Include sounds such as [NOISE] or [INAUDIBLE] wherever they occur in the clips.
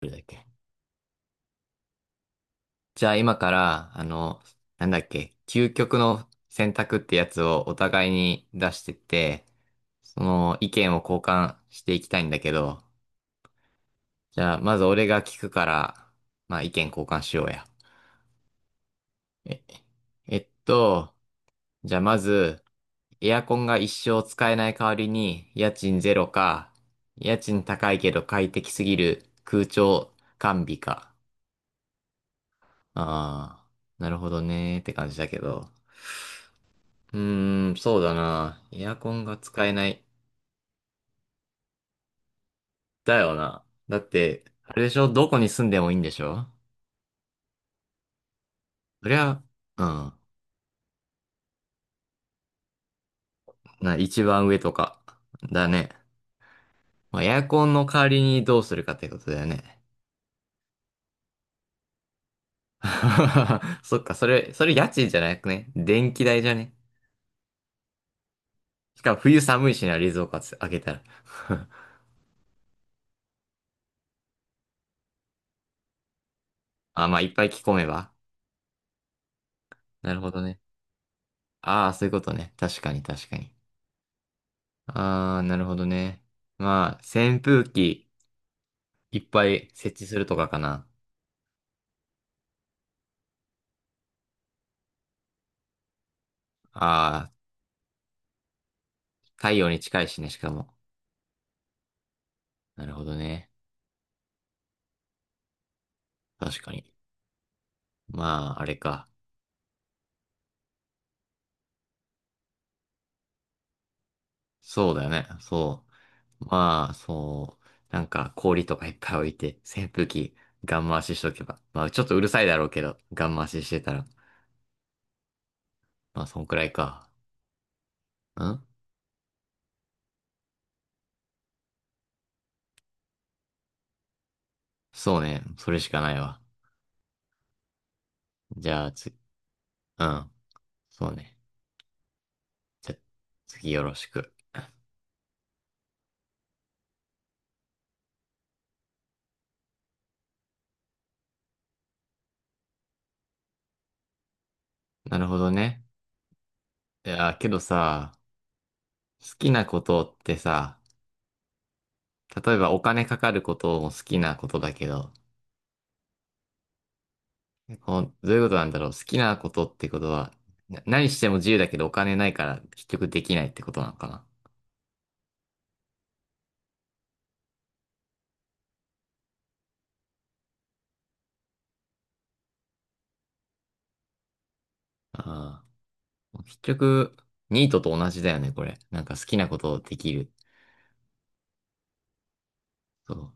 どれだっけ。じゃあ今から、なんだっけ、究極の選択ってやつをお互いに出してって、その意見を交換していきたいんだけど、じゃあまず俺が聞くから、まあ意見交換しようや。え、えっと、じゃあまず、エアコンが一生使えない代わりに、家賃ゼロか、家賃高いけど快適すぎる空調完備か。ああ、なるほどねーって感じだけど。うーん、そうだな。エアコンが使えない。だよな。だって、あれでしょ、どこに住んでもいいんでしょ。そりゃ、うん。な、一番上とか。だね。まあ、エアコンの代わりにどうするかってことだよね。[LAUGHS] そっか、それ家賃じゃなくね。電気代じゃね。しかも冬寒いしな、冷蔵庫開けたら。[LAUGHS] あ、まあ、いっぱい着込めば。なるほどね。ああ、そういうことね。確かに、確かに。ああ、なるほどね。まあ、扇風機。いっぱい設置するとかかな。ああ、太陽に近いしね、しかも。なるほどね。確かに。まあ、あれか。そうだよね。そう。まあ、そう。なんか、氷とかいっぱい置いて、扇風機、ガン回ししとけば。まあ、ちょっとうるさいだろうけど、ガン回ししてたら。まあ、そんくらいか。ん、そうね。それしかないわ。じゃあ、つ、うん。そうね。じゃ、次よろしく。なるほどね。いや、けどさ、好きなことってさ、例えばお金かかることも好きなことだけど、こう、どういうことなんだろう。好きなことってことは、何しても自由だけどお金ないから結局できないってことなのかな。ああ。結局、ニートと同じだよね、これ。なんか好きなことできる。そう。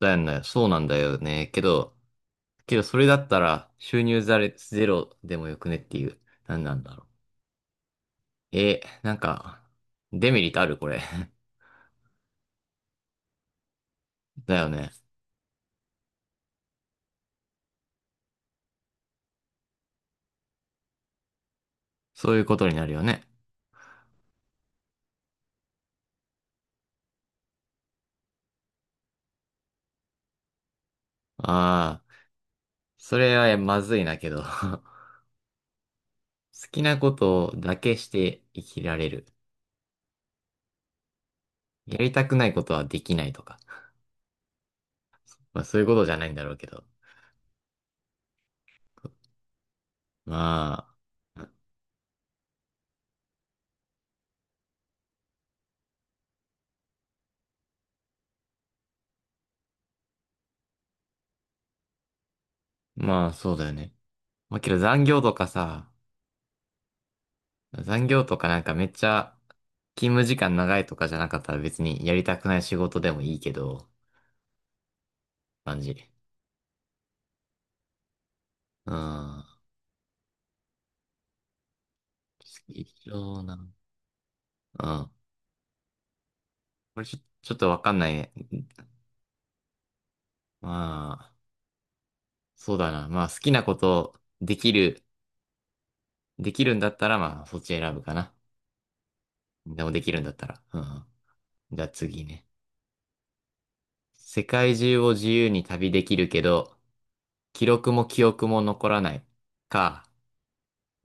だよね。そうなんだよね。けどそれだったら収入ザレゼロでもよくねっていう。何なんだろう。なんか、デメリットあるこれ。[LAUGHS] だよね。そういうことになるよね。ああ。それはまずいなけど、 [LAUGHS] 好きなことだけして生きられる。やりたくないことはできないとか。まあそういうことじゃないんだろうけど。まあ、まあそうだよね。まあけど残業とかさ、残業とかなんかめっちゃ勤務時間長いとかじゃなかったら別にやりたくない仕事でもいいけど、感じ。うん。一緒な。うん。これちょ、ちょっとわかんないね。まあ、そうだな。まあ好きなことできる。できるんだったら、まあ、そっち選ぶかな。でもできるんだったら。うんうん。じゃあ次ね。世界中を自由に旅できるけど、記録も記憶も残らない。か、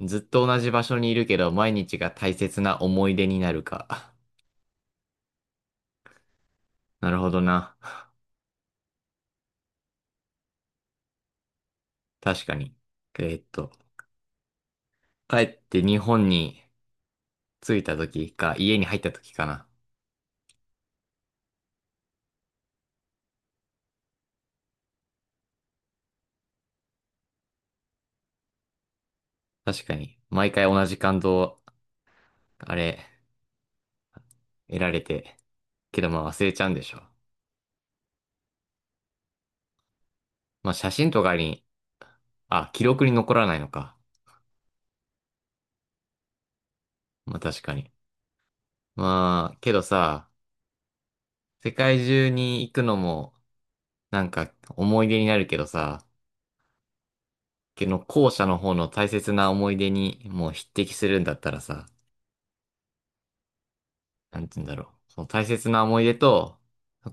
ずっと同じ場所にいるけど、毎日が大切な思い出になるか。[LAUGHS] なるほどな。確かに。えーっと、帰って日本に着いた時か、家に入った時かな。確かに。毎回同じ感動、あれ、得られて。けどまあ忘れちゃうんでしょ。まあ写真とかに、あ、記録に残らないのか。まあ確かに。まあ、けどさ、世界中に行くのも、なんか思い出になるけどさ、けど後者の方の大切な思い出にもう匹敵するんだったらさ、なんて言うんだろう。その大切な思い出と、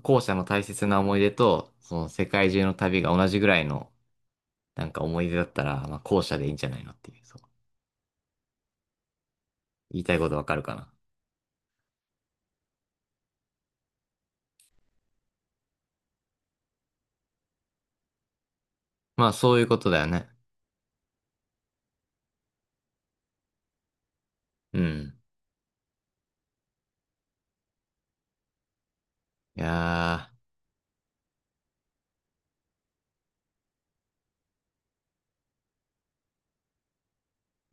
後者の大切な思い出と、その世界中の旅が同じぐらいの、なんか思い出だったら、まあ後者でいいんじゃないのっていう、そう。言いたいことわかるかな。まあそういうことだよね。うん。いや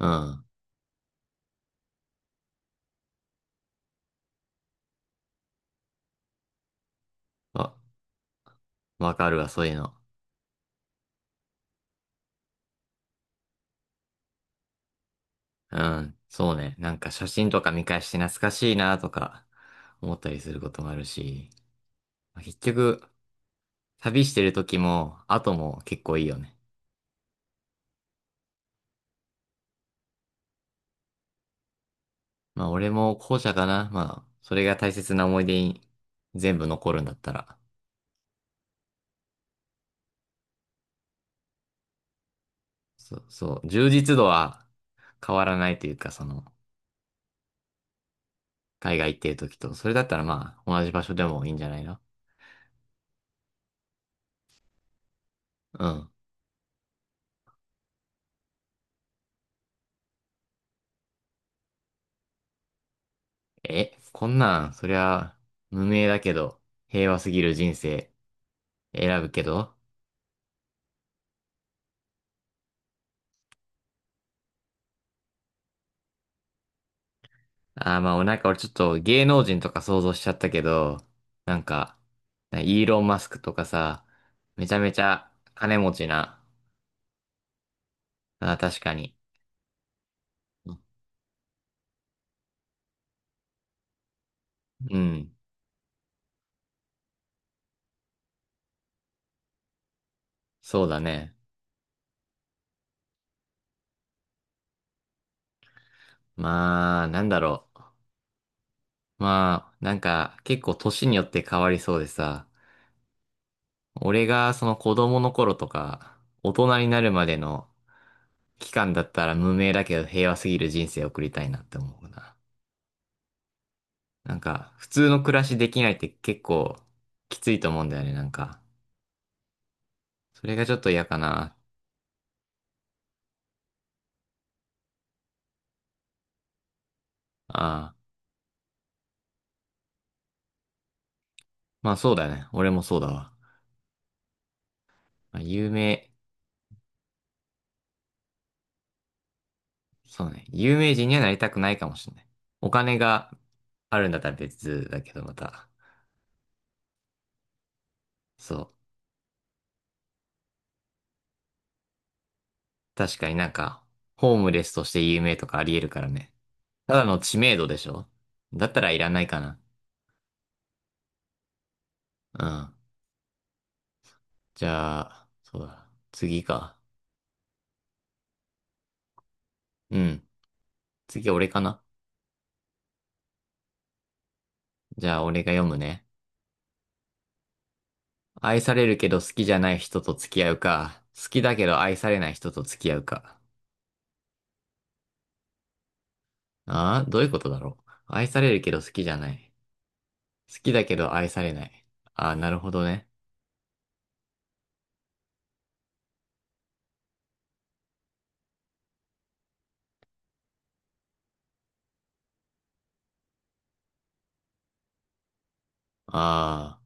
ー、うん。わ、わかるわ、そういうの。うん、そうね。なんか写真とか見返して懐かしいなとか思ったりすることもあるし、まあ結局、旅してる時も後も結構いいよね。まあ俺も後者かな。まあ、それが大切な思い出に全部残るんだったら。そう、そう、充実度は変わらないというか、その、海外行ってる時と、それだったらまあ同じ場所でもいいんじゃないの。うん。え、こんなん、そりゃ無名だけど、平和すぎる人生選ぶけど、あーまあ、なんか俺ちょっと芸能人とか想像しちゃったけど、なんか、イーロン・マスクとかさ、めちゃめちゃ金持ちな。あー、確かに。うん。そうだね。まあ、なんだろう。まあ、なんか結構年によって変わりそうでさ、俺がその子供の頃とか、大人になるまでの期間だったら無名だけど平和すぎる人生を送りたいなって思うな。なんか、普通の暮らしできないって結構きついと思うんだよね、なんか。それがちょっと嫌かな。ああ。まあそうだよね。俺もそうだわ。まあ、有名、そうね。有名人にはなりたくないかもしれない。お金があるんだったら別だけど、また。そう。確かになんか、ホームレスとして有名とかあり得るからね。ただの知名度でしょ、だったらいらないかな。うん。じゃあ、そうだ。次か。うん。次俺かな。じゃあ俺が読むね。愛されるけど好きじゃない人と付き合うか、好きだけど愛されない人と付き合うか。ああ、どういうことだろう。愛されるけど好きじゃない。好きだけど愛されない。ああ、なるほどね。あ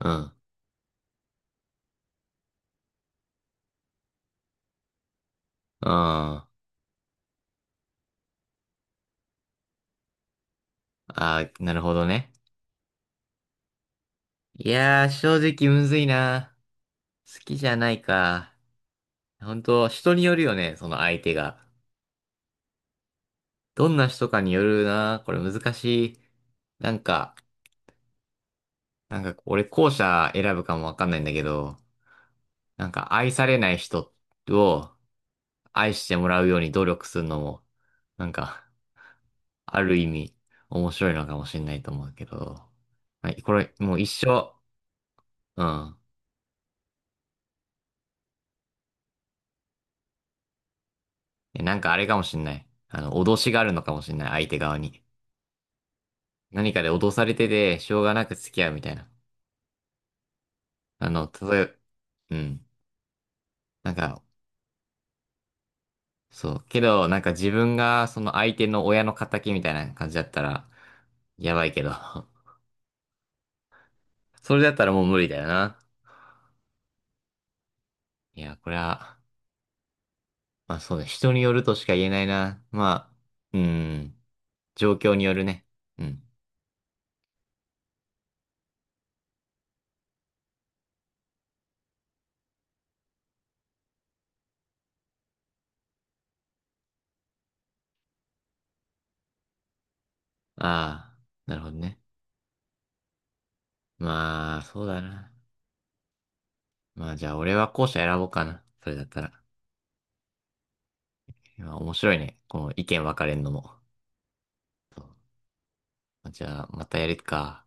あ、うん。うん。ああ、なるほどね。いやー、正直むずいな。好きじゃないか。本当人によるよね、その相手が。どんな人かによるな。これ難しい。なんか、なんか、俺後者選ぶかもわかんないんだけど、なんか愛されない人を愛してもらうように努力するのも、なんか、ある意味面白いのかもしれないと思うけど、はい、これもう一生、うん。えなんかあれかもしれない。あの、脅しがあるのかもしれない、相手側に。何かで脅されてて、しょうがなく付き合うみたいな。あの、例えば、うん。なんか、そう。けど、なんか自分がその相手の親の仇みたいな感じだったら、やばいけど。[LAUGHS] それだったらもう無理だよな。いや、これは、まあそうね、人によるとしか言えないな。まあ、うん、状況によるね。うん。ああ、なるほどね。まあ、そうだな。まあじゃあ俺は後者選ぼうかな。それだったら。いや面白いね。この意見分かれんのも。そう、じゃあ、またやるか。